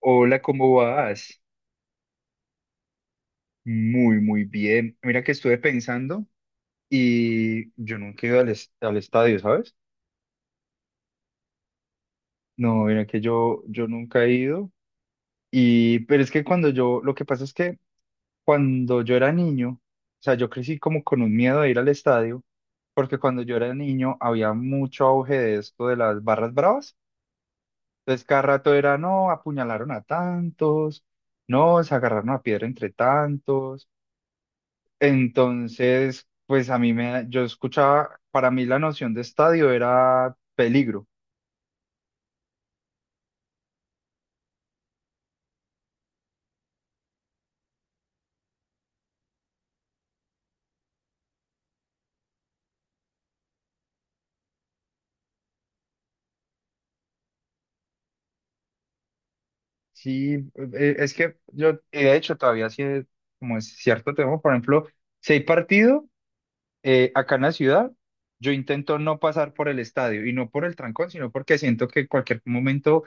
Hola, ¿cómo vas? Muy, muy bien. Mira que estuve pensando y yo nunca he ido al, al estadio, ¿sabes? No, mira que yo nunca he ido. Pero es que cuando yo, lo que pasa es que cuando yo era niño, o sea, yo crecí como con un miedo de ir al estadio, porque cuando yo era niño había mucho auge de esto de las barras bravas. Entonces cada rato era, no, apuñalaron a tantos, no, se agarraron a piedra entre tantos. Entonces, pues a mí me, yo escuchaba, para mí la noción de estadio era peligro. Sí, es que yo, de hecho, todavía sí, como es cierto tema, por ejemplo, si hay partido acá en la ciudad, yo intento no pasar por el estadio y no por el trancón, sino porque siento que en cualquier momento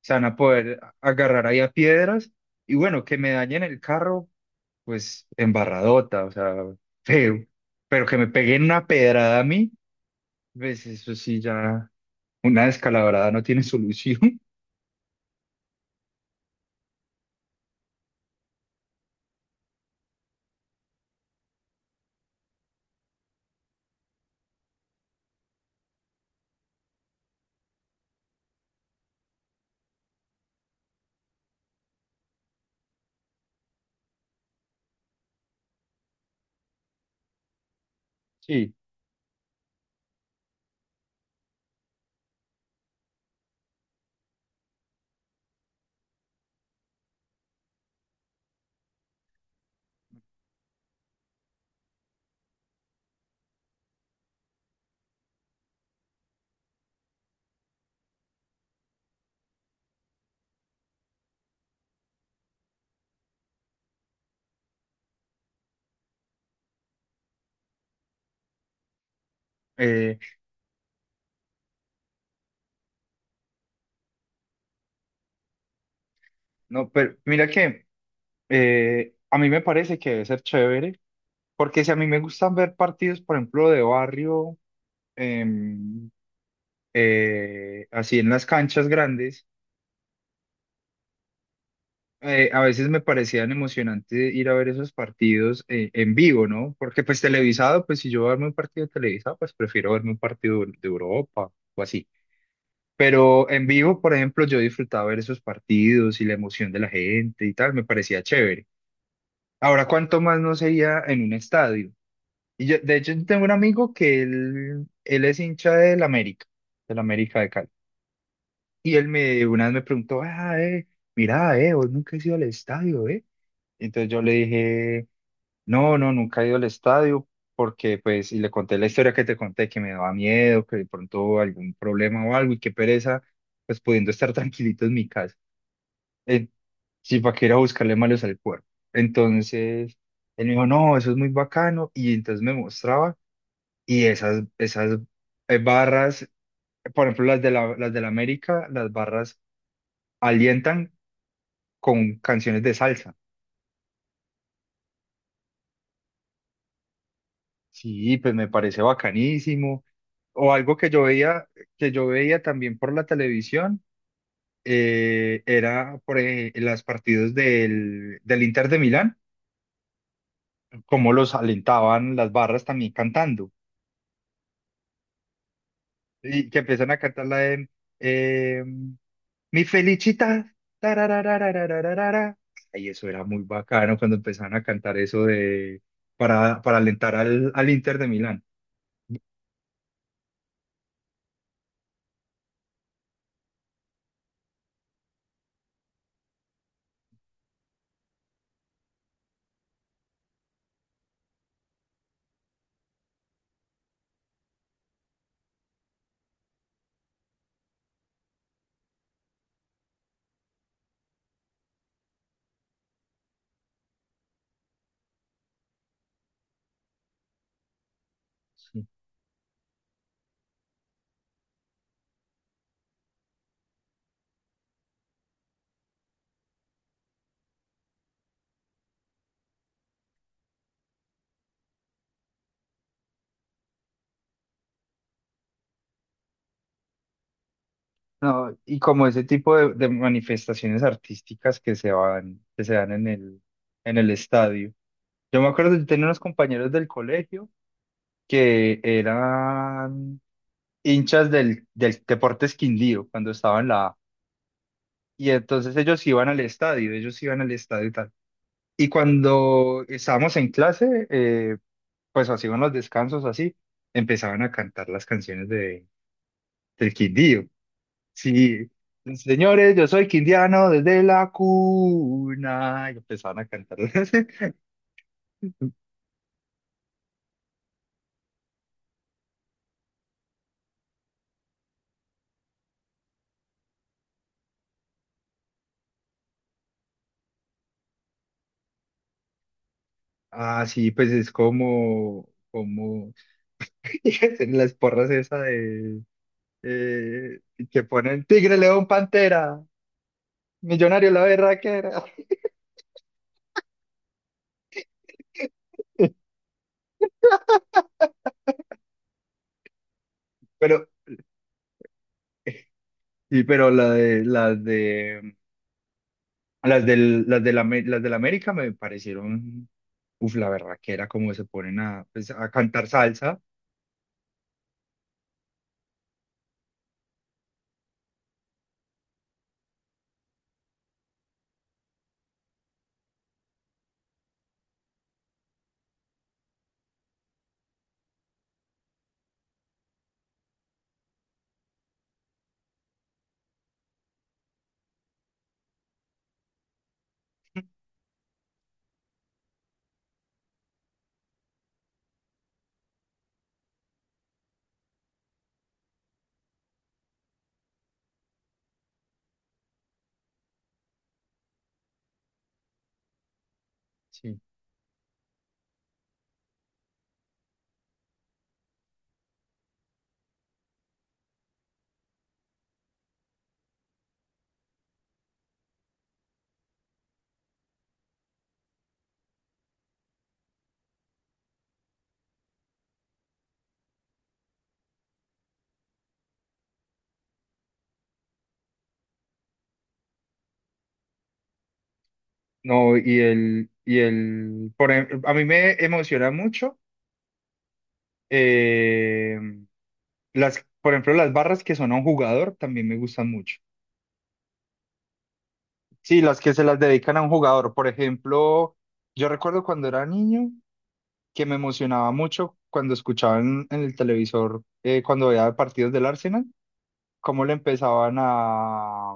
se van a poder agarrar ahí a piedras y bueno, que me dañen el carro, pues embarradota, o sea, feo, pero que me peguen una pedrada a mí. Pues eso sí, ya una descalabrada no tiene solución. Sí, eh, no, pero mira que a mí me parece que debe ser chévere, porque si a mí me gustan ver partidos, por ejemplo, de barrio, em, así en las canchas grandes, a veces me parecían emocionante ir a ver esos partidos en vivo, ¿no? Porque pues televisado, pues si yo voy a verme un partido televisado, pues prefiero verme un partido de Europa o así. Pero en vivo, por ejemplo, yo disfrutaba ver esos partidos y la emoción de la gente y tal, me parecía chévere. Ahora, ¿cuánto más no sería en un estadio? Y yo, de hecho, yo tengo un amigo que él es hincha del América de Cali. Y él me, una vez me preguntó, ah, mira, vos nunca has ido al estadio, eh. Entonces yo le dije, no, no, nunca he ido al estadio, porque pues, y le conté la historia que te conté, que me daba miedo, que de pronto algún problema o algo, y qué pereza, pues pudiendo estar tranquilito en mi casa. eh, sí, para que ir a buscarle malos al cuerpo. Entonces, él me dijo, no, eso es muy bacano. Y entonces me mostraba y esas barras, por ejemplo, las de la América, las barras alientan con canciones de salsa. Sí, pues me parece bacanísimo. O algo que yo veía también por la televisión, era por las partidos del, del Inter de Milán, cómo los alentaban las barras también cantando. Y que empiezan a cantarla de eh, Mi Felicita. Tarararararararara. Ay, eso era muy bacano cuando empezaron a cantar eso de para alentar al, al Inter de Milán. Sí. No, y como ese tipo de manifestaciones artísticas que se van, que se dan en el estadio. Yo me acuerdo de tener unos compañeros del colegio que eran hinchas del, del Deportes Quindío cuando estaba en la A. Y entonces ellos iban al estadio, ellos iban al estadio y tal. Y cuando estábamos en clase, pues así iban los descansos, así, empezaban a cantar las canciones de, del Quindío. Sí, señores, yo soy quindiano desde la cuna. Y empezaban a cantarlas. Ah, sí, pues es como, como en las porras esa de eh, que ponen Tigre, León, Pantera, Millonario la berraquera. Pero sí, pero la de, las del, las de la, las de la América me parecieron, uf, la berraquera, como se ponen a, pues, a cantar salsa. Sí. No, y el, por ejemplo, a mí me emociona mucho, eh, las, por ejemplo, las barras que son a un jugador también me gustan mucho. Sí, las que se las dedican a un jugador. Por ejemplo, yo recuerdo cuando era niño que me emocionaba mucho cuando escuchaba en el televisor, cuando veía partidos del Arsenal cómo le empezaban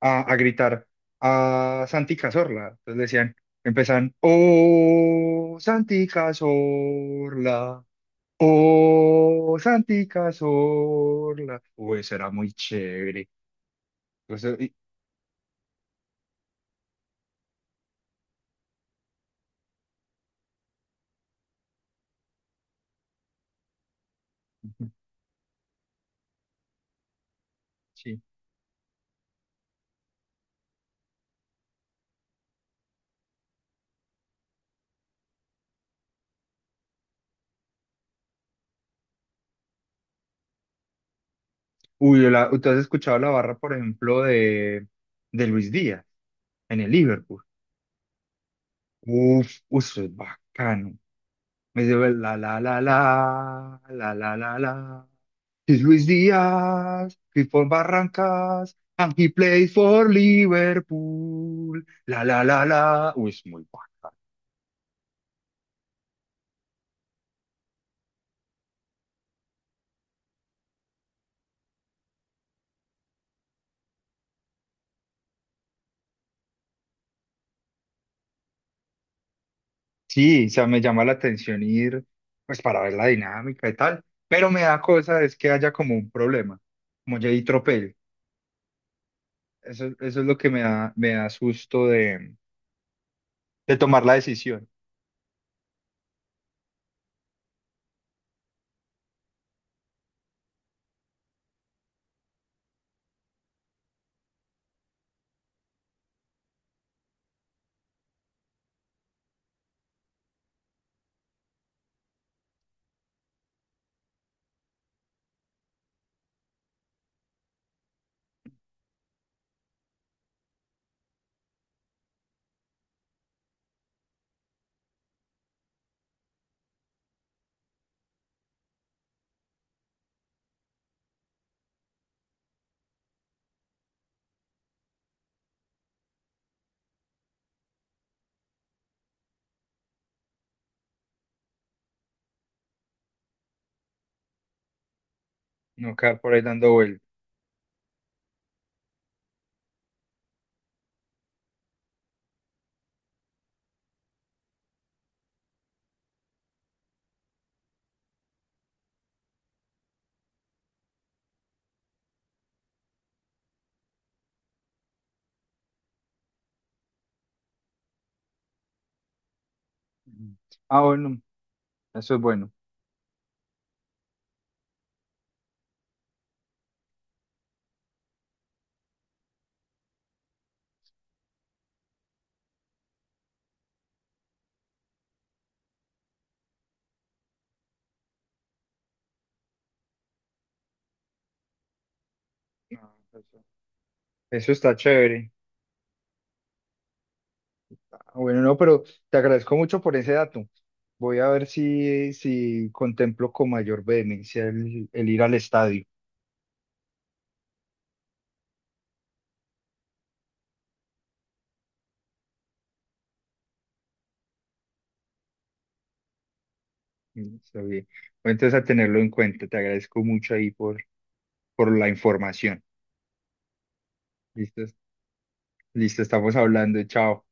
a gritar a Santi Cazorla. Entonces le decían, empezaban, oh, Santi Cazorla, oh, Santi Cazorla. Uy, eso era muy chévere. Entonces, sí. Uy, yo la, ¿tú has escuchado la barra, por ejemplo, de Luis Díaz en el Liverpool? Uf, uf, eso es bacano. Me dice, la la la la la la la la la. He's Luis Díaz, he's for Barrancas, and he plays for Liverpool. La la la la. Uy, es muy guapa. Sí, o sea, me llama la atención ir, pues para ver la dinámica y tal. Pero me da cosa es que haya como un problema, como Jay Tropel. Eso es lo que me da susto de tomar la decisión, no quedar por ahí dando vueltas. Ujú. Ah, bueno, eso es bueno. Ah, eso eso está chévere. Ah, bueno, no, pero te agradezco mucho por ese dato. Voy a ver si, si contemplo con mayor vehemencia el ir al estadio. Mm, está bien. Voy entonces a tenerlo en cuenta. Te agradezco mucho ahí por la información. Listo, listo, estamos hablando. Chao.